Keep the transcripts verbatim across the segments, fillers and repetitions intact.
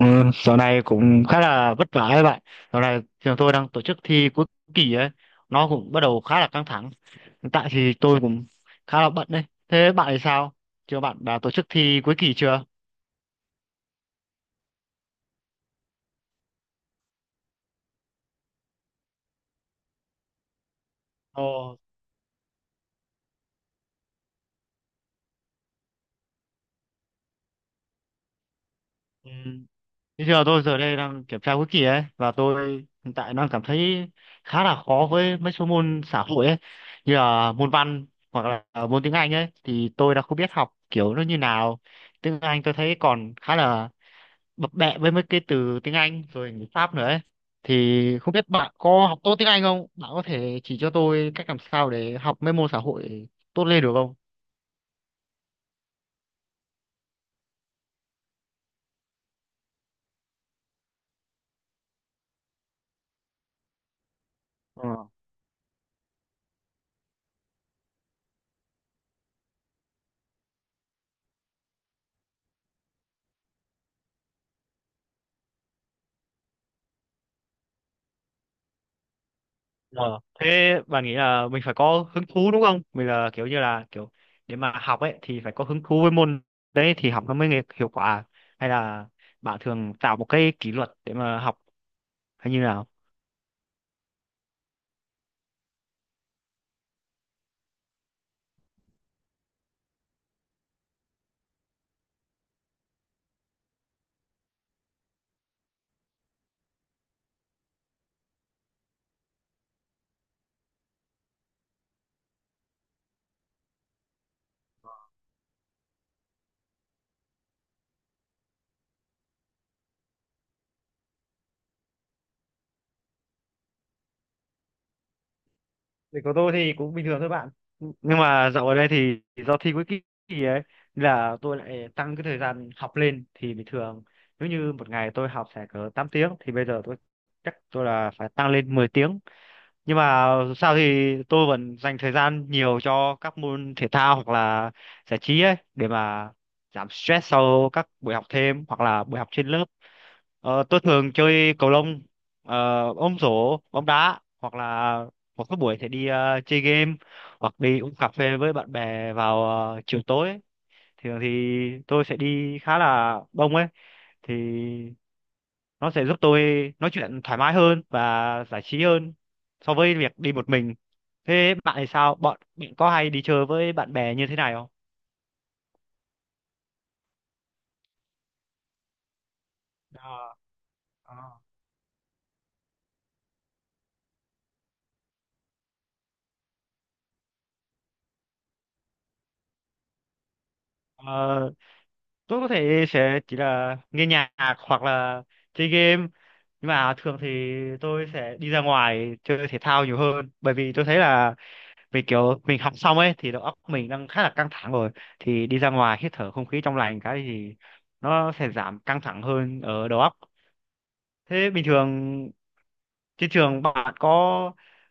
Ừ, dạo này cũng khá là vất vả ấy bạn. Dạo này trường tôi đang tổ chức thi cuối kỳ ấy, nó cũng bắt đầu khá là căng thẳng. Hiện tại thì tôi cũng khá là bận đấy. Thế bạn thì sao? Trường bạn đã tổ chức thi cuối kỳ chưa? Ồ, ừ. Bây giờ tôi giờ đây đang kiểm tra cuối kỳ ấy và tôi hiện tại đang cảm thấy khá là khó với mấy số môn xã hội ấy, như là môn văn hoặc là môn tiếng Anh ấy thì tôi đã không biết học kiểu nó như nào. Tiếng Anh tôi thấy còn khá là bập bẹ với mấy cái từ tiếng Anh rồi người Pháp nữa ấy. Thì không biết bạn có học tốt tiếng Anh không? Bạn có thể chỉ cho tôi cách làm sao để học mấy môn xã hội tốt lên được không? Ờ. Ờ. Thế bạn nghĩ là mình phải có hứng thú đúng không? Mình là kiểu như là kiểu để mà học ấy thì phải có hứng thú với môn đấy thì học nó mới nghe- hiệu quả, hay là bạn thường tạo một cái kỷ luật để mà học hay như nào? Thì của tôi thì cũng bình thường thôi bạn. Nhưng mà dạo ở đây thì do thi cuối kỳ ấy nên là tôi lại tăng cái thời gian học lên. Thì bình thường nếu như một ngày tôi học sẽ cỡ tám tiếng thì bây giờ tôi chắc tôi là phải tăng lên mười tiếng. Nhưng mà dù sao thì tôi vẫn dành thời gian nhiều cho các môn thể thao hoặc là giải trí ấy để mà giảm stress sau các buổi học thêm hoặc là buổi học trên lớp. Ờ, tôi thường chơi cầu lông, ờ, ôm rổ bóng đá, hoặc là một cái buổi thì đi ờ, chơi game hoặc đi uống cà phê với bạn bè vào ờ, chiều tối ấy. Thường thì tôi sẽ đi khá là đông ấy, thì nó sẽ giúp tôi nói chuyện thoải mái hơn và giải trí hơn so với việc đi một mình. Thế bạn thì sao, bọn bạn có hay đi chơi với bạn bè như thế này không? Ờ, ờ. Ờ, tôi có thể sẽ chỉ là nghe nhạc hoặc là chơi game, nhưng mà thường thì tôi sẽ đi ra ngoài chơi thể thao nhiều hơn, bởi vì tôi thấy là vì kiểu mình học xong ấy thì đầu óc mình đang khá là căng thẳng rồi, thì đi ra ngoài hít thở không khí trong lành cái thì nó sẽ giảm căng thẳng hơn ở đầu óc. Thế bình thường trên trường bạn có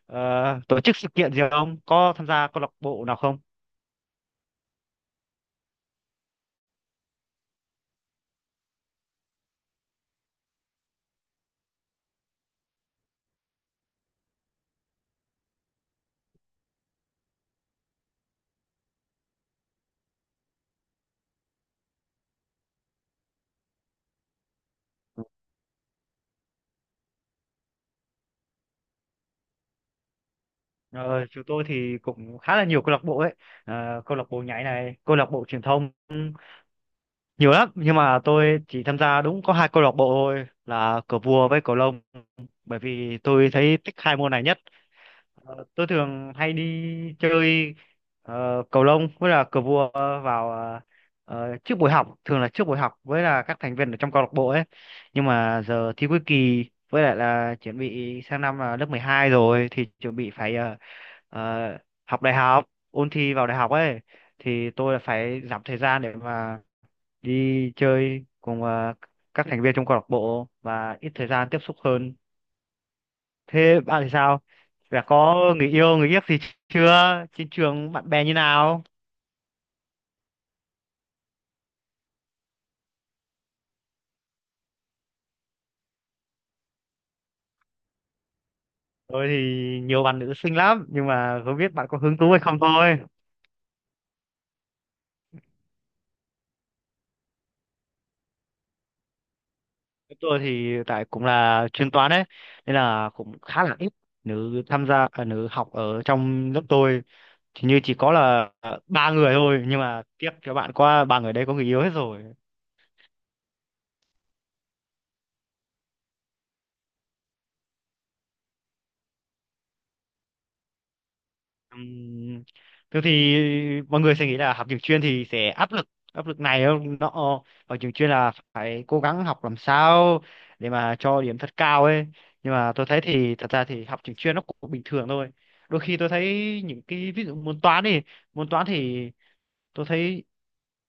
ờ, tổ chức sự kiện gì không? Có tham gia câu lạc bộ nào không? Ờ, chúng tôi thì cũng khá là nhiều câu lạc bộ ấy. Ờ, câu lạc bộ nhảy này, câu lạc bộ truyền thông, nhiều lắm, nhưng mà tôi chỉ tham gia đúng có hai câu lạc bộ thôi là cờ vua với cầu lông, bởi vì tôi thấy thích hai môn này nhất. Ờ, tôi thường hay đi chơi ờ, cầu lông với là cờ vua vào ờ, ờ, trước buổi học, thường là trước buổi học với là các thành viên ở trong câu lạc bộ ấy. Nhưng mà giờ thi cuối kỳ với lại là chuẩn bị sang năm là lớp mười hai rồi thì chuẩn bị phải ờ, ờ, học đại học, ôn thi vào đại học ấy, thì tôi là phải giảm thời gian để mà đi chơi cùng ờ, các thành viên trong câu lạc bộ và ít thời gian tiếp xúc hơn. Thế bạn thì sao? Đã có người yêu, người ghét gì chưa? Trên trường bạn bè như nào? Tôi thì nhiều bạn nữ xinh lắm, nhưng mà không biết bạn có hứng thú hay không thôi. Tôi thì tại cũng là chuyên toán ấy, nên là cũng khá là ít nữ tham gia, à, nữ học ở trong lớp tôi. Thì như chỉ có là à, ba người thôi, nhưng mà tiếc cho bạn qua ba người đấy có người yêu hết rồi. Ừm, Thường thì mọi người sẽ nghĩ là học trường chuyên thì sẽ áp lực, áp lực này, không, nó ở trường chuyên là phải cố gắng học làm sao để mà cho điểm thật cao ấy. Nhưng mà tôi thấy thì thật ra thì học trường chuyên nó cũng bình thường thôi. Đôi khi tôi thấy những cái ví dụ môn toán đi, môn toán thì tôi thấy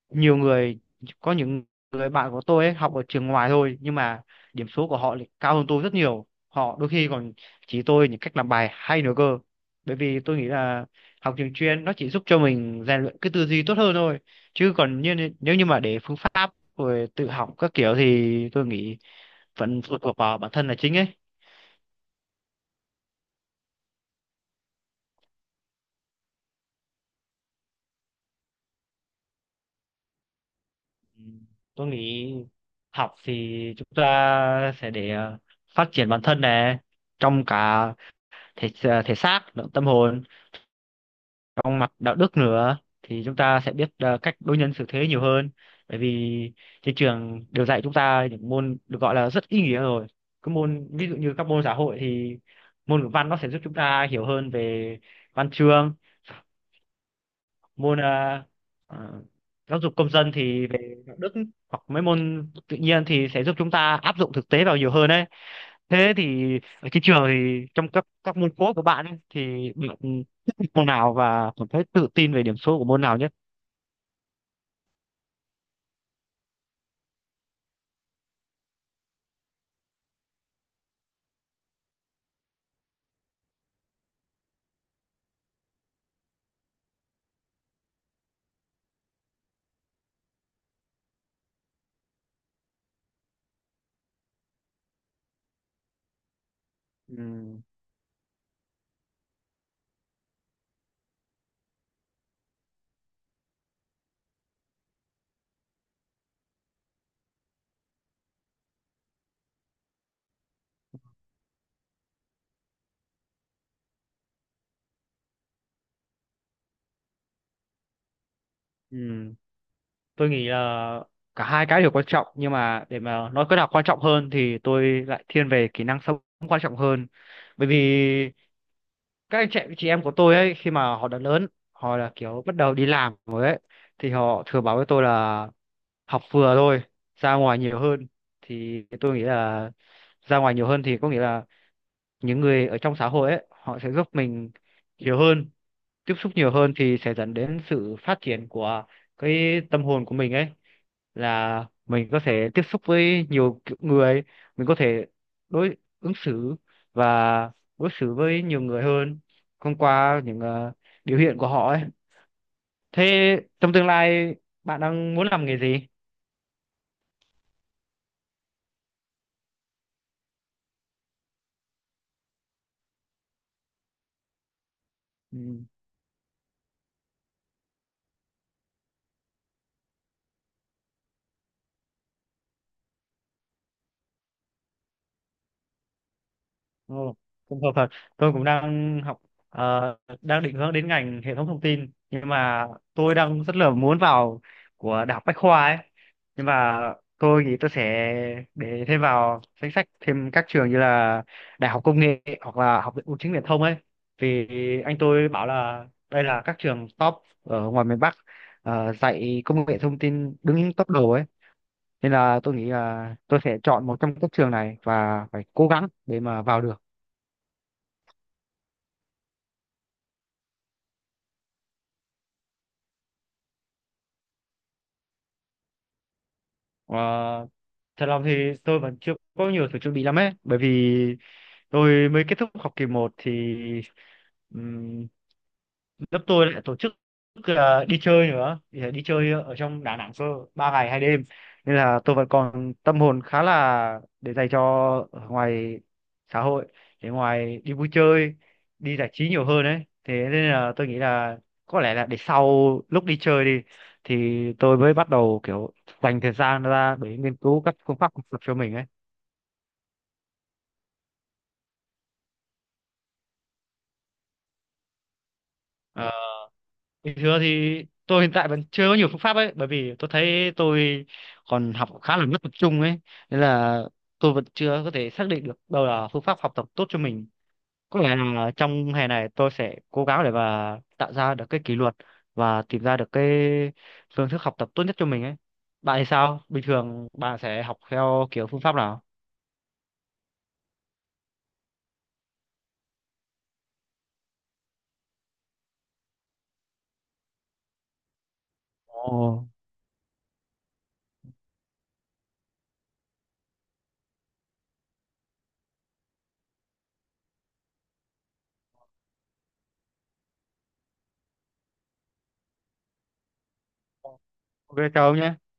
nhiều người, có những người bạn của tôi ấy học ở trường ngoài thôi nhưng mà điểm số của họ lại cao hơn tôi rất nhiều, họ đôi khi còn chỉ tôi những cách làm bài hay nữa cơ. Bởi vì tôi nghĩ là học trường chuyên nó chỉ giúp cho mình rèn luyện cái tư duy tốt hơn thôi, chứ còn như nếu như mà để phương pháp rồi tự học các kiểu thì tôi nghĩ vẫn phụ thuộc vào bản thân là chính ấy. Ừ, tôi nghĩ học thì chúng ta sẽ để ờ, phát triển bản thân này, trong cả thể thể xác lẫn tâm hồn, trong mặt đạo đức nữa thì chúng ta sẽ biết ờ, cách đối nhân xử thế nhiều hơn. Bởi vì trên trường đều dạy chúng ta những môn được gọi là rất ý nghĩa rồi, cái môn ví dụ như các môn xã hội thì môn ngữ văn nó sẽ giúp chúng ta hiểu hơn về văn chương, môn ờ, ờ, giáo dục công dân thì về đạo đức, hoặc mấy môn tự nhiên thì sẽ giúp chúng ta áp dụng thực tế vào nhiều hơn đấy. Thế thì ở trên trường thì trong các các môn cốt của bạn ấy, thì bạn thích môn nào và cảm thấy tự tin về điểm số của môn nào nhất? Ừ. Ừ. Tôi nghĩ là cả hai cái đều quan trọng, nhưng mà để mà nói cái nào quan trọng hơn thì tôi lại thiên về kỹ năng sống quan trọng hơn. Bởi vì các anh chị chị em của tôi ấy khi mà họ đã lớn, họ là kiểu bắt đầu đi làm rồi ấy, thì họ thường bảo với tôi là học vừa thôi, ra ngoài nhiều hơn. Thì tôi nghĩ là ra ngoài nhiều hơn thì có nghĩa là những người ở trong xã hội ấy họ sẽ giúp mình nhiều hơn, tiếp xúc nhiều hơn thì sẽ dẫn đến sự phát triển của cái tâm hồn của mình ấy, là mình có thể tiếp xúc với nhiều kiểu người, mình có thể đối ứng xử và đối xử với nhiều người hơn thông qua những ờ, biểu hiện của họ ấy. Thế trong tương lai bạn đang muốn làm nghề gì? Ừ, Ồ, cũng hợp thật. Tôi cũng đang học, ờ, đang định hướng đến ngành hệ thống thông tin, nhưng mà tôi đang rất là muốn vào của đại học Bách Khoa ấy. Nhưng mà tôi nghĩ tôi sẽ để thêm vào danh sách thêm các trường như là Đại học Công nghệ hoặc là Học viện Bưu chính Viễn thông ấy. Vì anh tôi bảo là đây là các trường top ở ngoài miền Bắc ờ, dạy công nghệ thông tin đứng top đầu ấy. Nên là tôi nghĩ là tôi sẽ chọn một trong các trường này và phải cố gắng để mà vào được. Ờ, thật lòng thì tôi vẫn chưa có nhiều sự chuẩn bị lắm ấy, bởi vì tôi mới kết thúc học kỳ một thì lớp tôi lại tổ chức là đi chơi nữa, thì ờ, đi chơi ở trong Đà Nẵng cơ, ba ngày hai đêm, nên là tôi vẫn còn tâm hồn khá là để dành cho ở ngoài xã hội, để ngoài đi vui chơi, đi giải trí nhiều hơn đấy. Thế nên là tôi nghĩ là có lẽ là để sau lúc đi chơi đi thì tôi mới bắt đầu kiểu dành thời gian ra để nghiên cứu các phương pháp học tập cho mình ấy. Ờ. Bình thường thì tôi hiện tại vẫn chưa có nhiều phương pháp ấy, bởi vì tôi thấy tôi còn học khá là mất tập trung ấy, nên là tôi vẫn chưa có thể xác định được đâu là phương pháp học tập tốt cho mình. Có lẽ là trong hè này tôi sẽ cố gắng để mà tạo ra được cái kỷ luật và tìm ra được cái phương thức học tập tốt nhất cho mình ấy. Bạn thì sao, bình thường bạn sẽ học theo kiểu phương pháp nào? Ồ. OK, chào ông nhé.